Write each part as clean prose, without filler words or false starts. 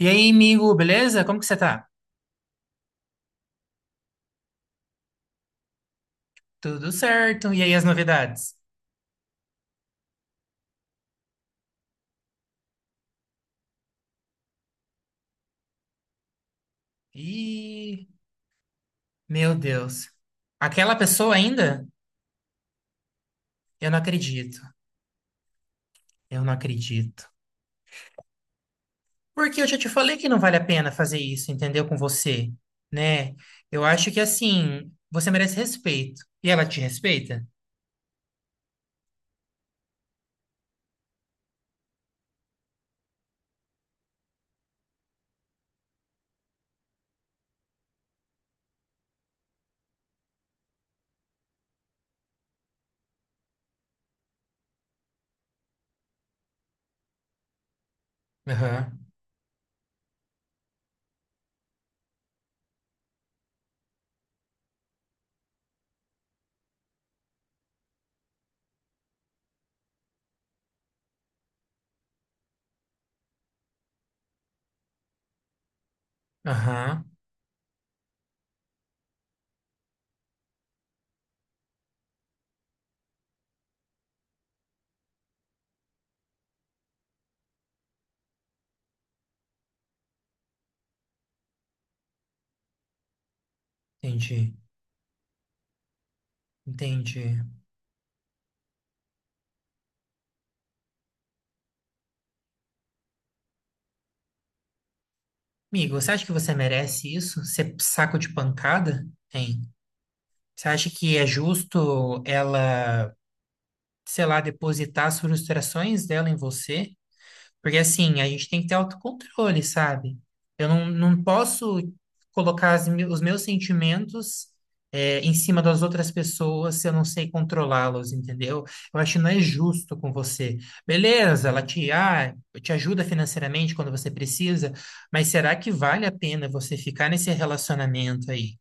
E aí, amigo, beleza? Como que você tá? Tudo certo. E aí, as novidades? Ih, meu Deus. Aquela pessoa ainda? Eu não acredito. Eu não acredito. Porque eu já te falei que não vale a pena fazer isso, entendeu? Com você, né? Eu acho que assim, você merece respeito. E ela te respeita? Aham, aham. Entendi, entendi. Amigo, você acha que você merece isso? Ser saco de pancada? Hein? Você acha que é justo ela sei lá, depositar as frustrações dela em você, porque assim, a gente tem que ter autocontrole, sabe? Eu não, não posso colocar os meus sentimentos em cima das outras pessoas se eu não sei controlá-los, entendeu? Eu acho que não é justo com você. Beleza, ela te, te ajuda financeiramente quando você precisa, mas será que vale a pena você ficar nesse relacionamento aí?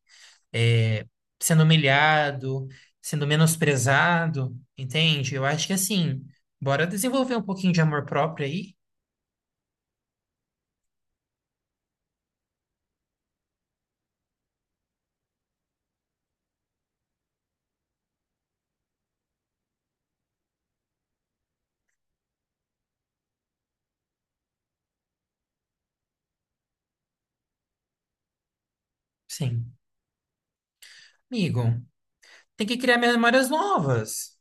é, Sendo humilhado, sendo menosprezado, entende? Eu acho que assim, bora desenvolver um pouquinho de amor próprio aí? Sim. Amigo, tem que criar memórias novas.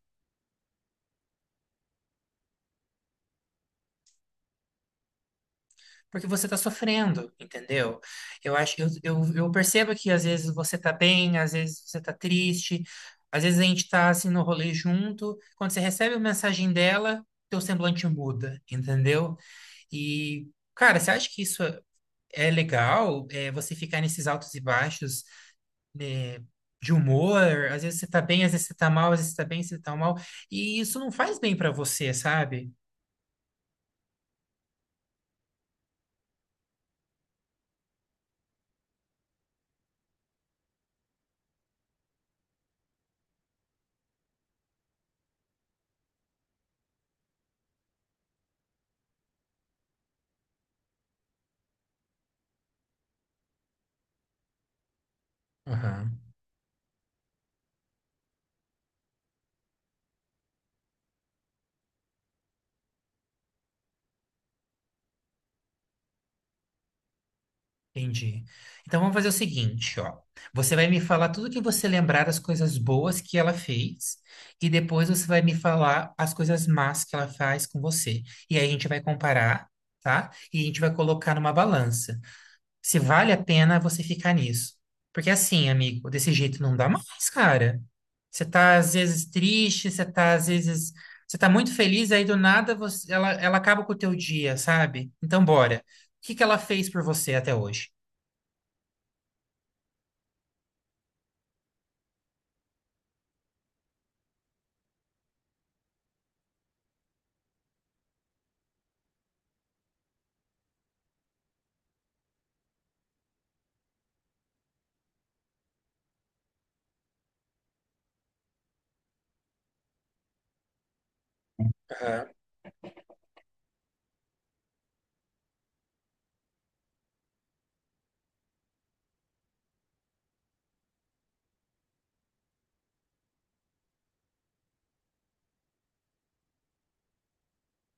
Porque você está sofrendo, entendeu? Eu acho, eu percebo que às vezes você tá bem, às vezes você tá triste, às vezes a gente tá assim no rolê junto. Quando você recebe a mensagem dela, teu semblante muda, entendeu? E, cara, você acha que isso é é legal é, você ficar nesses altos e baixos né, de humor. Às vezes você tá bem, às vezes você tá mal, às vezes você tá bem, às vezes você tá mal. E isso não faz bem pra você, sabe? Aham, entendi. Então vamos fazer o seguinte, ó. Você vai me falar tudo que você lembrar das coisas boas que ela fez, e depois você vai me falar as coisas más que ela faz com você. E aí a gente vai comparar, tá? E a gente vai colocar numa balança, se vale a pena você ficar nisso. Porque assim, amigo, desse jeito não dá mais, cara. Você tá às vezes triste, você tá às vezes, você tá muito feliz, aí do nada você, ela acaba com o teu dia, sabe? Então bora. O que que ela fez por você até hoje? Aham.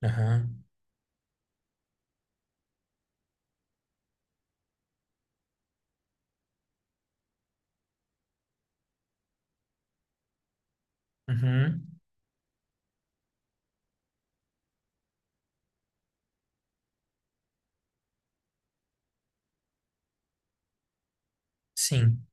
Aham. Uhum. Sim.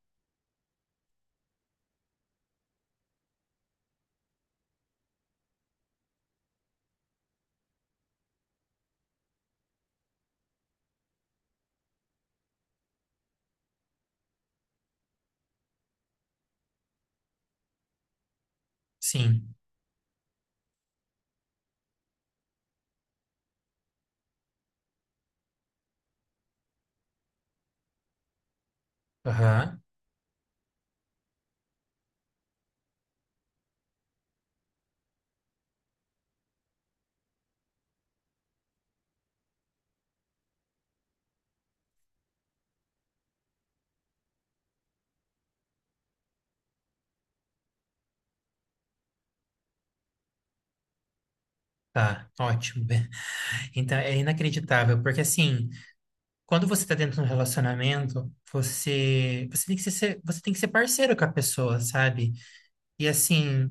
Sim. Aham. Tá. Ótimo. Então é inacreditável, porque assim, quando você tá dentro de um relacionamento, você tem que ser, você tem que ser parceiro com a pessoa, sabe? E assim,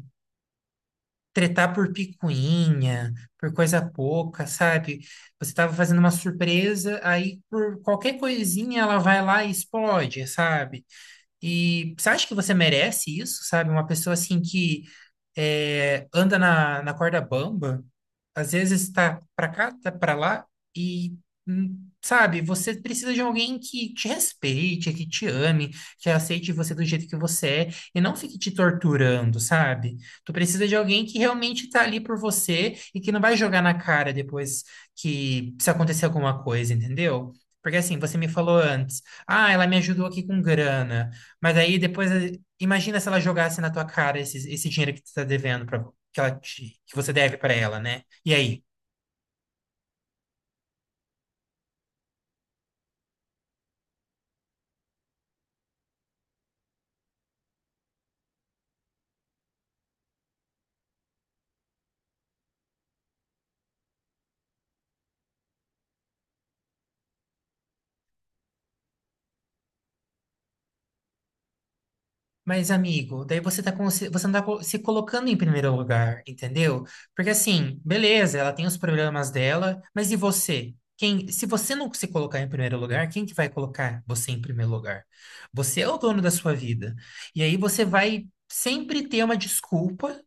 tretar por picuinha, por coisa pouca, sabe? Você tava fazendo uma surpresa, aí por qualquer coisinha ela vai lá e explode, sabe? E você acha que você merece isso, sabe? Uma pessoa assim que anda na corda bamba, às vezes está para cá, tá para lá e sabe, você precisa de alguém que te respeite, que te ame, que aceite você do jeito que você é e não fique te torturando, sabe? Tu precisa de alguém que realmente tá ali por você e que não vai jogar na cara depois que se acontecer alguma coisa, entendeu? Porque assim, você me falou antes, ah, ela me ajudou aqui com grana, mas aí depois imagina se ela jogasse na tua cara esse dinheiro que tu tá devendo para que ela te- que você deve para ela, né? E aí? Mas, amigo, daí você tá com- você não tá co- se colocando em primeiro lugar, entendeu? Porque assim, beleza, ela tem os problemas dela, mas e você? Quem, se você não se colocar em primeiro lugar, quem que vai colocar você em primeiro lugar? Você é o dono da sua vida. E aí você vai sempre ter uma desculpa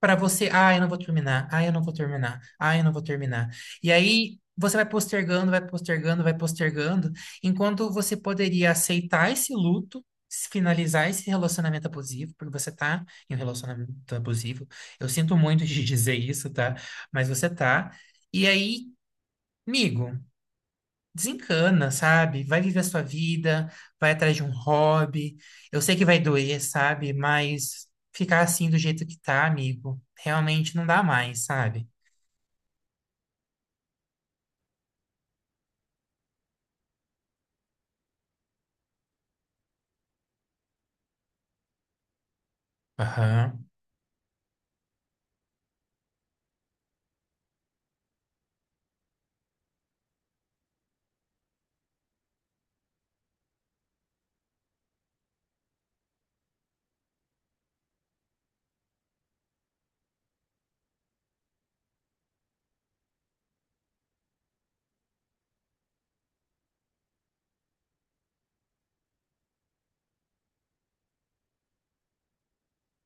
para você, ah, eu não vou terminar, ah, eu não vou terminar, ah, eu não vou terminar. E aí você vai postergando, vai postergando, vai postergando, enquanto você poderia aceitar esse luto se finalizar esse relacionamento abusivo, porque você tá em um relacionamento abusivo. Eu sinto muito de dizer isso, tá? Mas você tá. E aí, amigo, desencana, sabe? Vai viver a sua vida, vai atrás de um hobby. Eu sei que vai doer, sabe? Mas ficar assim do jeito que tá, amigo, realmente não dá mais, sabe? Aham,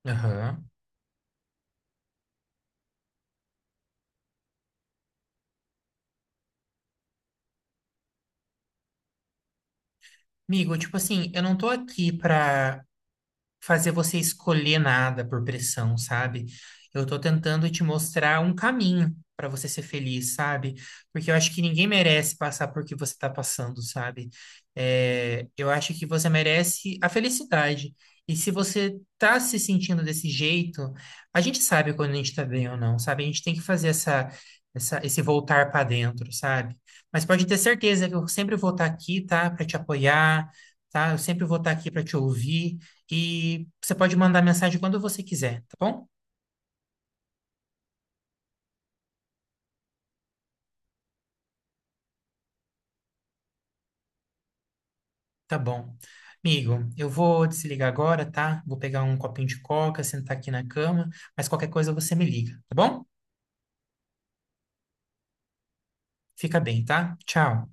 aham. Amigo, tipo assim, eu não tô aqui pra fazer você escolher nada por pressão, sabe? Eu tô tentando te mostrar um caminho para você ser feliz, sabe? Porque eu acho que ninguém merece passar por que você tá passando, sabe? É, eu acho que você merece a felicidade. E se você tá se sentindo desse jeito, a gente sabe quando a gente tá bem ou não, sabe? A gente tem que fazer esse voltar para dentro, sabe? Mas pode ter certeza que eu sempre vou estar aqui, tá? Para te apoiar, tá? Eu sempre vou estar aqui para te ouvir. E você pode mandar mensagem quando você quiser, tá bom? Tá bom. Amigo, eu vou desligar agora, tá? Vou pegar um copinho de coca, sentar aqui na cama, mas qualquer coisa você me liga, tá bom? Fica bem, tá? Tchau.